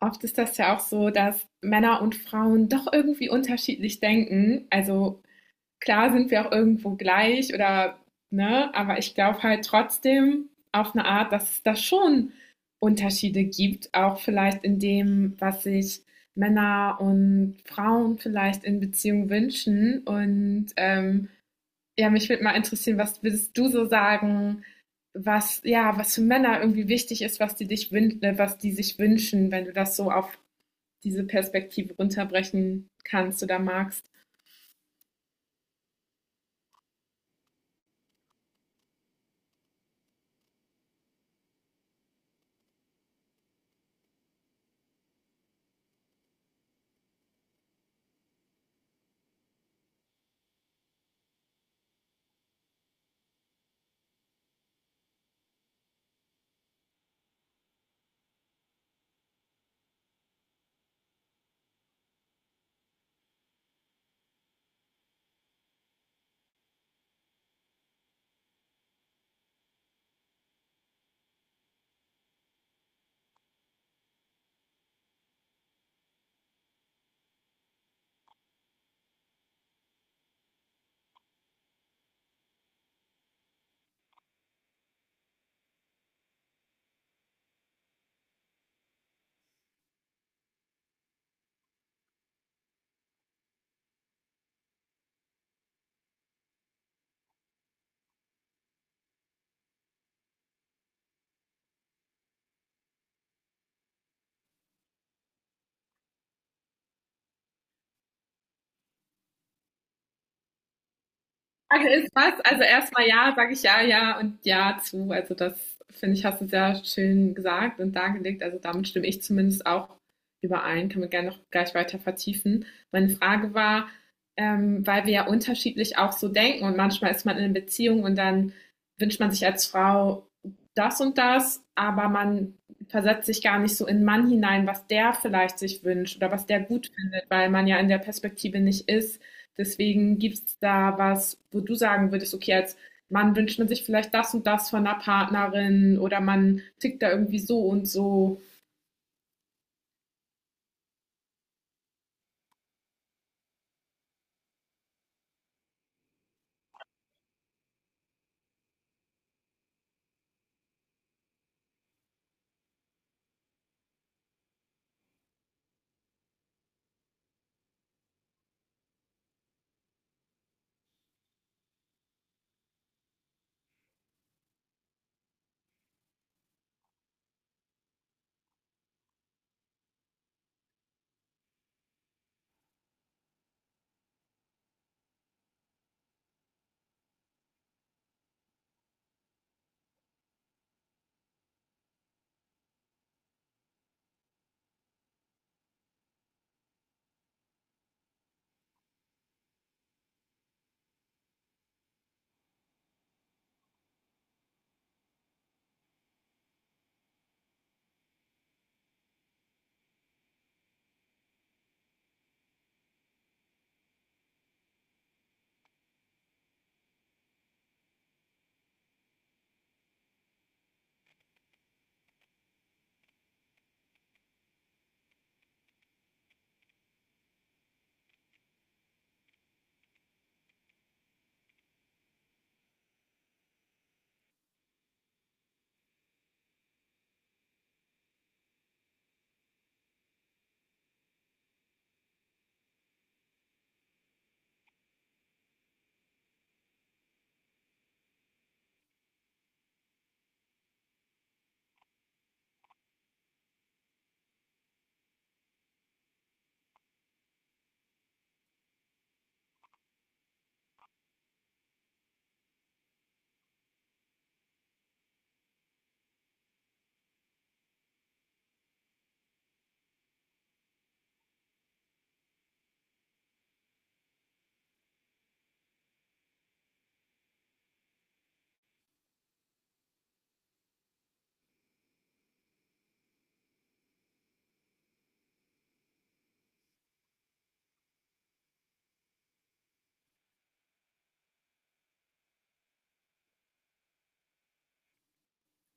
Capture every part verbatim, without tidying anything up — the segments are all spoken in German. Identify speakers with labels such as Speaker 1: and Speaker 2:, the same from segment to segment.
Speaker 1: Oft ist das ja auch so, dass Männer und Frauen doch irgendwie unterschiedlich denken. Also klar sind wir auch irgendwo gleich oder ne, aber ich glaube halt trotzdem auf eine Art, dass es da schon Unterschiede gibt, auch vielleicht in dem, was sich Männer und Frauen vielleicht in Beziehung wünschen. Und ähm, ja, mich würde mal interessieren, was würdest du so sagen, was ja, was für Männer irgendwie wichtig ist, was die dich wün- äh, was die sich wünschen, wenn du das so auf diese Perspektive runterbrechen kannst oder magst? Frage ist was? Also erstmal ja, sage ich ja, ja und ja zu. Also das finde ich, hast du sehr schön gesagt und dargelegt. Also damit stimme ich zumindest auch überein. Kann man gerne noch gleich weiter vertiefen. Meine Frage war, ähm, weil wir ja unterschiedlich auch so denken und manchmal ist man in einer Beziehung und dann wünscht man sich als Frau das und das, aber man versetzt sich gar nicht so in den Mann hinein, was der vielleicht sich wünscht oder was der gut findet, weil man ja in der Perspektive nicht ist. Deswegen gibt es da was, wo du sagen würdest, okay, als Mann wünscht man sich vielleicht das und das von einer Partnerin oder man tickt da irgendwie so und so.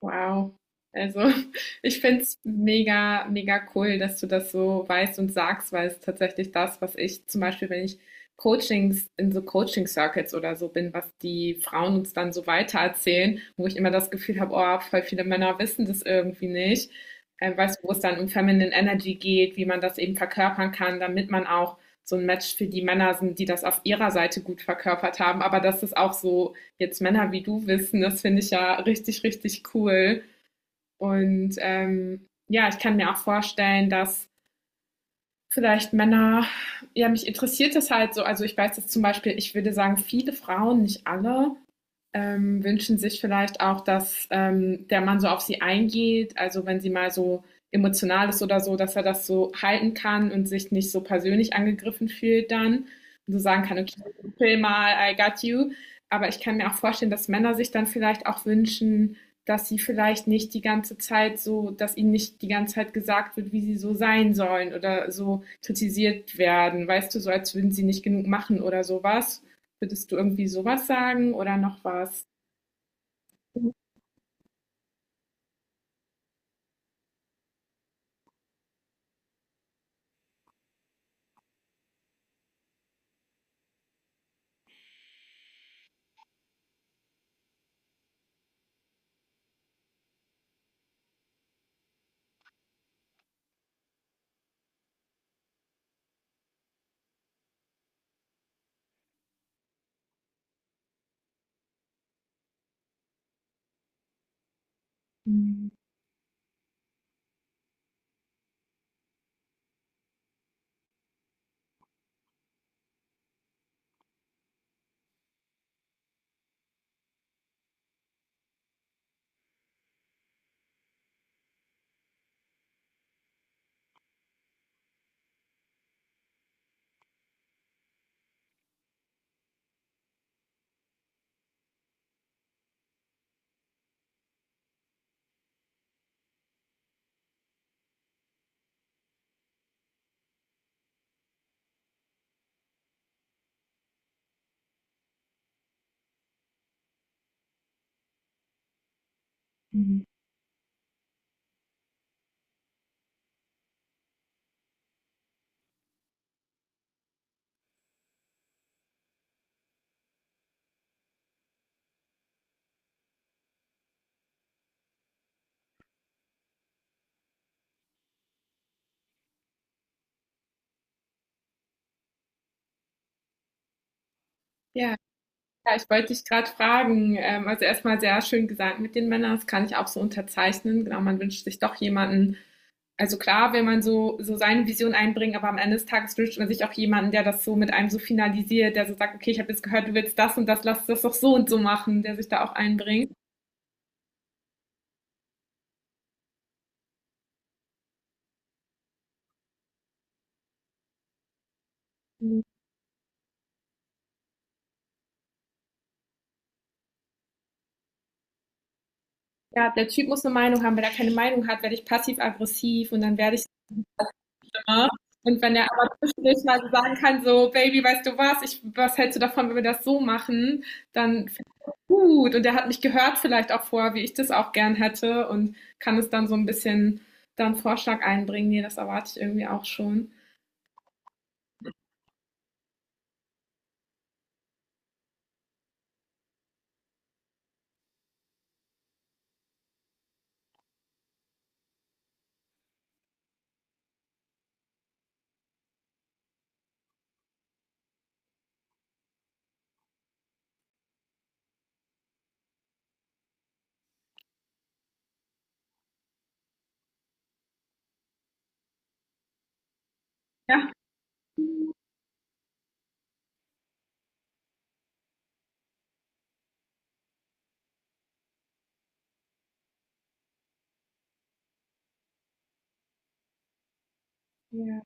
Speaker 1: Wow. Also, ich finde es mega, mega cool, dass du das so weißt und sagst, weil es tatsächlich das, was ich zum Beispiel, wenn ich Coachings in so Coaching-Circuits oder so bin, was die Frauen uns dann so weitererzählen, wo ich immer das Gefühl habe, oh, voll viele Männer wissen das irgendwie nicht. Ähm, weißt du, wo es dann um Feminine Energy geht, wie man das eben verkörpern kann, damit man auch so ein Match für die Männer sind, die das auf ihrer Seite gut verkörpert haben, aber dass es auch so jetzt Männer wie du wissen. Das finde ich ja richtig, richtig cool. Und ähm, ja, ich kann mir auch vorstellen, dass vielleicht Männer, ja, mich interessiert das halt so. Also ich weiß das zum Beispiel, ich würde sagen, viele Frauen, nicht alle, ähm, wünschen sich vielleicht auch, dass ähm, der Mann so auf sie eingeht, also wenn sie mal so emotional ist oder so, dass er das so halten kann und sich nicht so persönlich angegriffen fühlt dann und so sagen kann, okay, chill mal, I got you. Aber ich kann mir auch vorstellen, dass Männer sich dann vielleicht auch wünschen, dass sie vielleicht nicht die ganze Zeit so, dass ihnen nicht die ganze Zeit gesagt wird, wie sie so sein sollen oder so kritisiert werden. Weißt du, so als würden sie nicht genug machen oder sowas. Würdest du irgendwie sowas sagen oder noch was? Mhm. Ja, ja, ich wollte dich gerade fragen. Ähm, also erstmal sehr schön gesagt mit den Männern, das kann ich auch so unterzeichnen. Genau, man wünscht sich doch jemanden. Also klar, will man so, so seine Vision einbringen, aber am Ende des Tages wünscht man sich auch jemanden, der das so mit einem so finalisiert, der so sagt, okay, ich habe jetzt gehört, du willst das und das, lass das doch so und so machen, der sich da auch einbringt. Ja, der Typ muss eine Meinung haben. Wenn er keine Meinung hat, werde ich passiv-aggressiv und dann werde ich, ne? Und wenn er aber zwischendurch mal so sagen kann, so, Baby, weißt du was, ich, was hältst du davon, wenn wir das so machen, dann gut. Und er hat mich gehört vielleicht auch vorher, wie ich das auch gern hätte und kann es dann so ein bisschen dann Vorschlag einbringen. Nee, das erwarte ich irgendwie auch schon. Ja. Ja.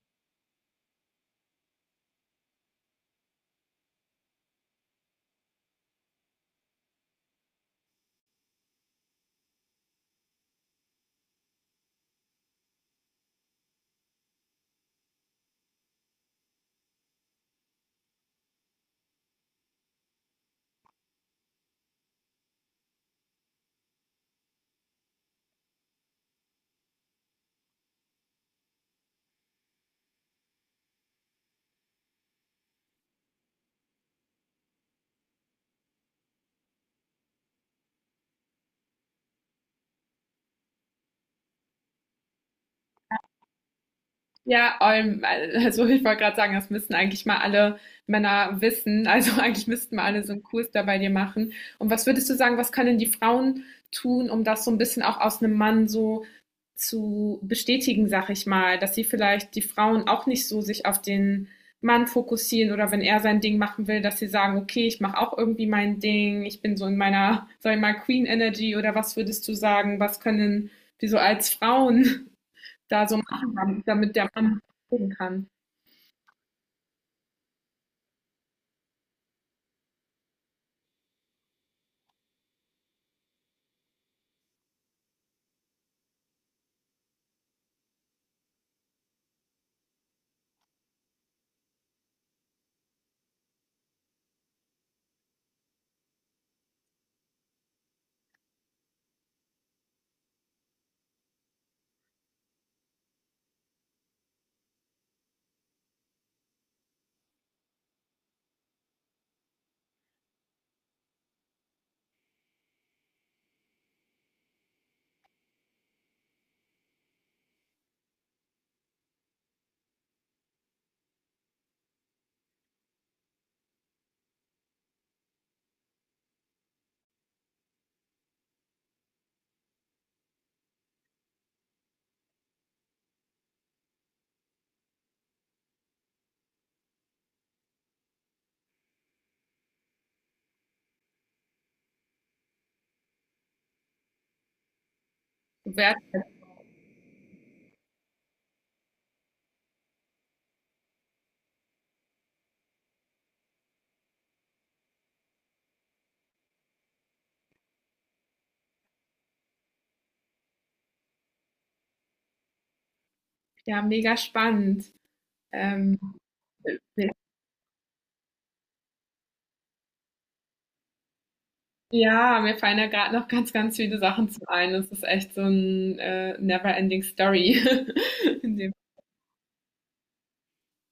Speaker 1: Ja, ähm, also ich wollte gerade sagen, das müssten eigentlich mal alle Männer wissen. Also eigentlich müssten mal alle so einen Kurs da bei dir machen. Und was würdest du sagen, was können die Frauen tun, um das so ein bisschen auch aus einem Mann so zu bestätigen, sag ich mal, dass sie vielleicht die Frauen auch nicht so sich auf den Mann fokussieren oder wenn er sein Ding machen will, dass sie sagen, okay, ich mache auch irgendwie mein Ding, ich bin so in meiner, sag ich mal, Queen Energy oder was würdest du sagen, was können wir so als Frauen da so machen, damit der Mann gucken kann? Wäre ja mega spannend. Ähm, ja, mir fallen da gerade noch ganz, ganz viele Sachen zu ein. Es ist echt so ein äh, never-ending Story, in dem.